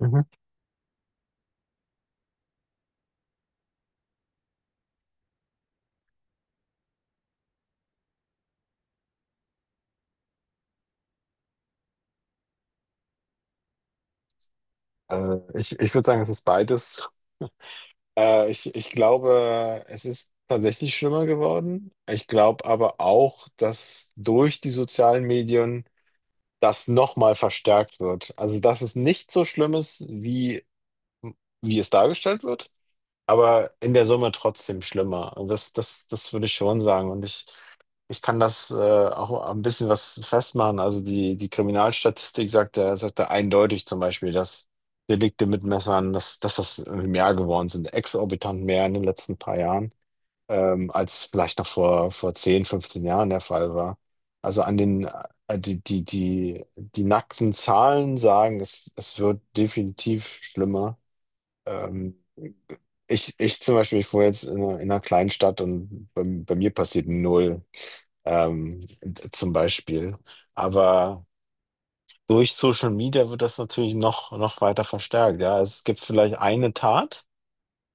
Mhm. Ich würde sagen, es ist beides. Ich glaube, es ist tatsächlich schlimmer geworden. Ich glaube aber auch, dass durch die sozialen Medien das nochmal verstärkt wird. Also, dass es nicht so schlimm ist, wie es dargestellt wird, aber in der Summe trotzdem schlimmer. Und das würde ich schon sagen. Und ich kann das auch ein bisschen was festmachen. Also die Kriminalstatistik sagt da eindeutig zum Beispiel, dass Delikte mit Messern, dass das irgendwie mehr geworden sind, exorbitant mehr in den letzten paar Jahren, als vielleicht noch vor 10 15 Jahren der Fall war. Also die nackten Zahlen sagen, es wird definitiv schlimmer. Ähm, ich zum Beispiel, ich wohne jetzt in einer kleinen Stadt und bei mir passiert null, zum Beispiel. Aber durch Social Media wird das natürlich noch weiter verstärkt. Ja, es gibt vielleicht eine Tat.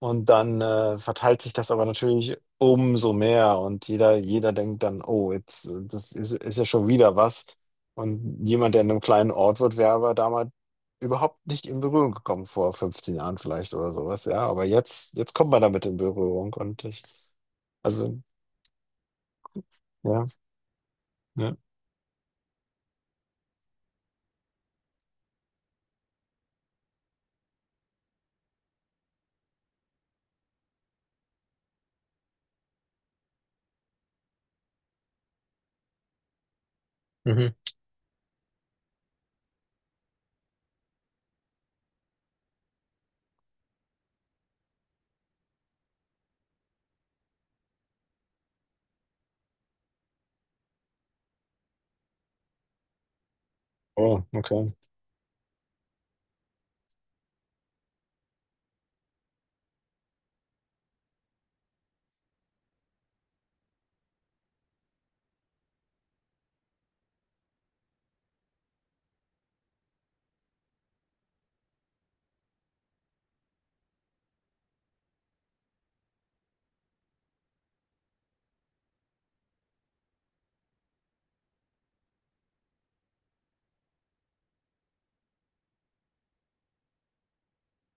Und dann verteilt sich das aber natürlich umso mehr und jeder denkt dann, oh, jetzt, das ist ja schon wieder was. Und jemand, der in einem kleinen Ort wird, wäre aber damals überhaupt nicht in Berührung gekommen, vor 15 Jahren vielleicht oder sowas, ja. Aber jetzt kommt man damit in Berührung also, ja, ja. Mhm. Oh, okay.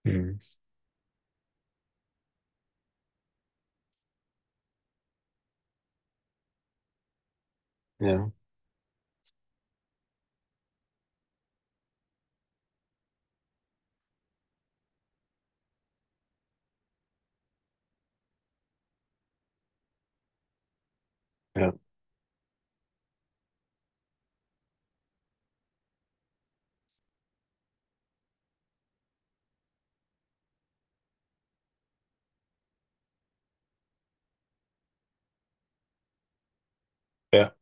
Hm. Ja, ja, ja.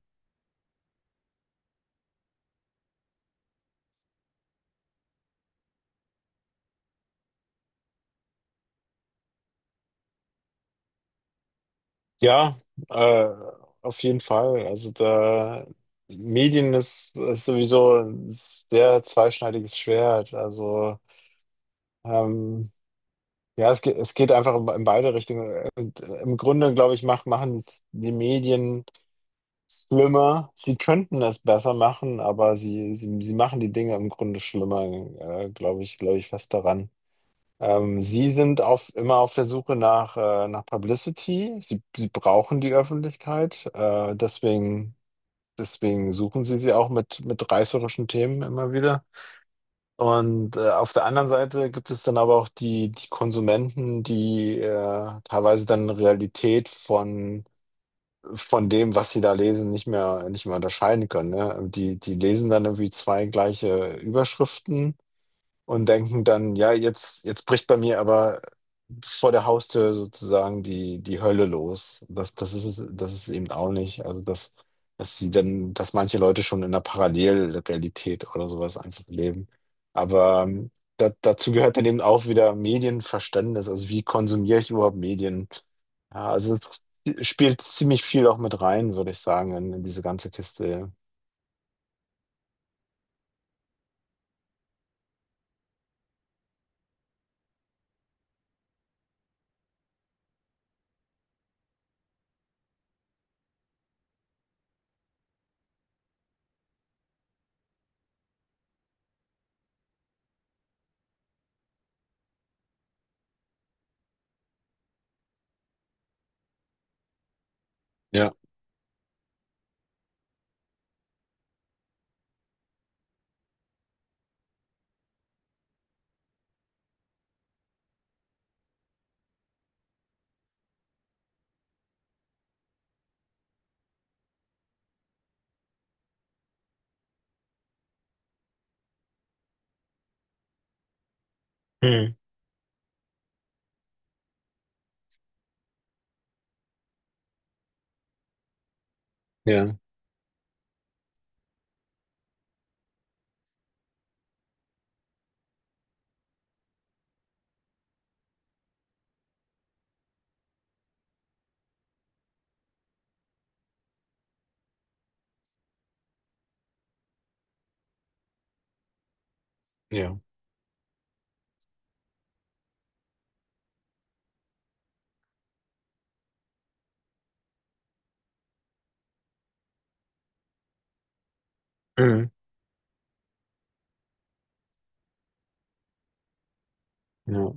Ja, äh, auf jeden Fall. Also da Medien ist sowieso ein sehr zweischneidiges Schwert. Also ähm, ja, es geht einfach in beide Richtungen. Und im Grunde, glaube ich, machen es die Medien schlimmer. Sie könnten es besser machen, aber sie machen die Dinge im Grunde schlimmer, glaube ich fest daran. Sie sind immer auf der Suche nach Publicity. Sie brauchen die Öffentlichkeit. Deswegen suchen Sie sie auch mit reißerischen Themen immer wieder. Und auf der anderen Seite gibt es dann aber auch die Konsumenten, die teilweise dann Realität von dem, was sie da lesen, nicht mehr unterscheiden können. Ne? Die lesen dann irgendwie zwei gleiche Überschriften und denken dann, ja, jetzt bricht bei mir aber vor der Haustür sozusagen die Hölle los. Das ist es eben auch nicht. Also dass manche Leute schon in einer Parallelrealität oder sowas einfach leben. Aber dazu gehört dann eben auch wieder Medienverständnis. Also wie konsumiere ich überhaupt Medien? Ja, also es spielt ziemlich viel auch mit rein, würde ich sagen, in diese ganze Kiste. Ja. Ja. Hm, ja. Ja. Hm, ja.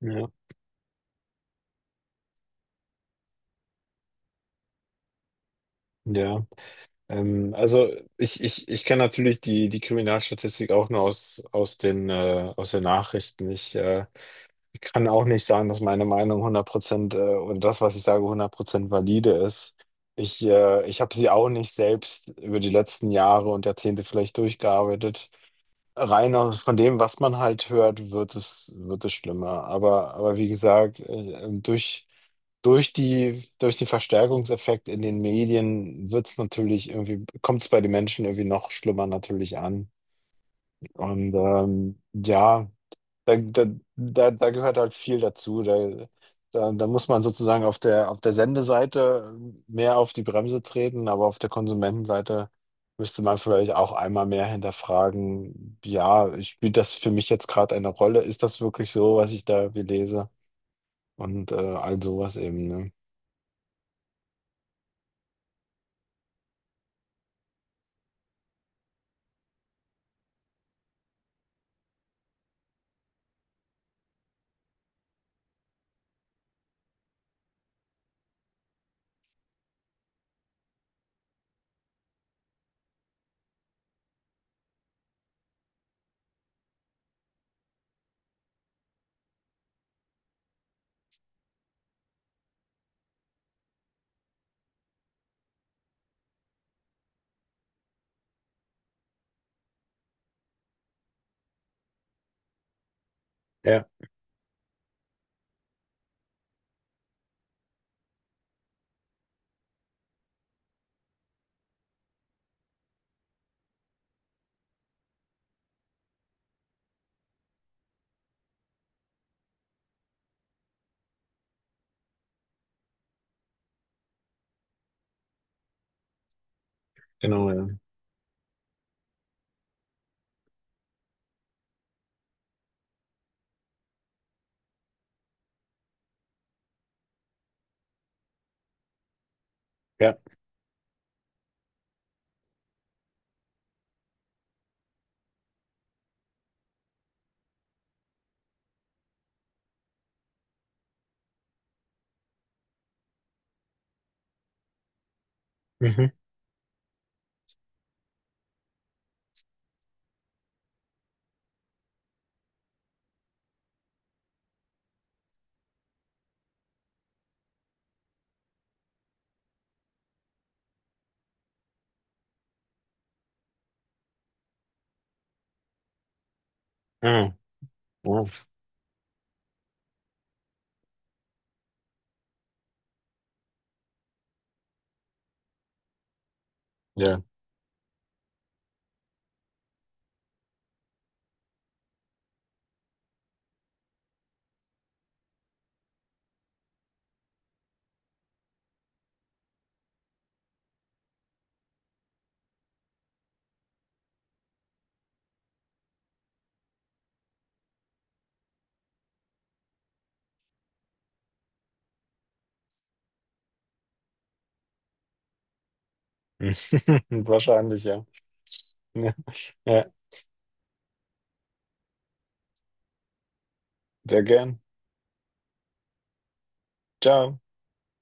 Ja. Ja. Also ich kenne natürlich die Kriminalstatistik auch nur aus den Nachrichten. Ich kann auch nicht sagen, dass meine Meinung 100% und das, was ich sage, 100% valide ist. Ich habe sie auch nicht selbst über die letzten Jahre und Jahrzehnte vielleicht durchgearbeitet. Rein aus von dem, was man halt hört, wird es schlimmer. Aber wie gesagt, durch den Verstärkungseffekt in den Medien wird es natürlich irgendwie, kommt es bei den Menschen irgendwie noch schlimmer natürlich an. Und ja. Da, da, da gehört halt viel dazu. Da muss man sozusagen auf der Sendeseite mehr auf die Bremse treten, aber auf der Konsumentenseite müsste man vielleicht auch einmal mehr hinterfragen, ja, spielt das für mich jetzt gerade eine Rolle? Ist das wirklich so, was ich da irgendwie lese? Und all sowas eben, ne? Ja, genau, ja. Ja. Mhm. Ja. Ja. Ja. Wahrscheinlich, ja. Ja, ja, sehr gern. Ciao.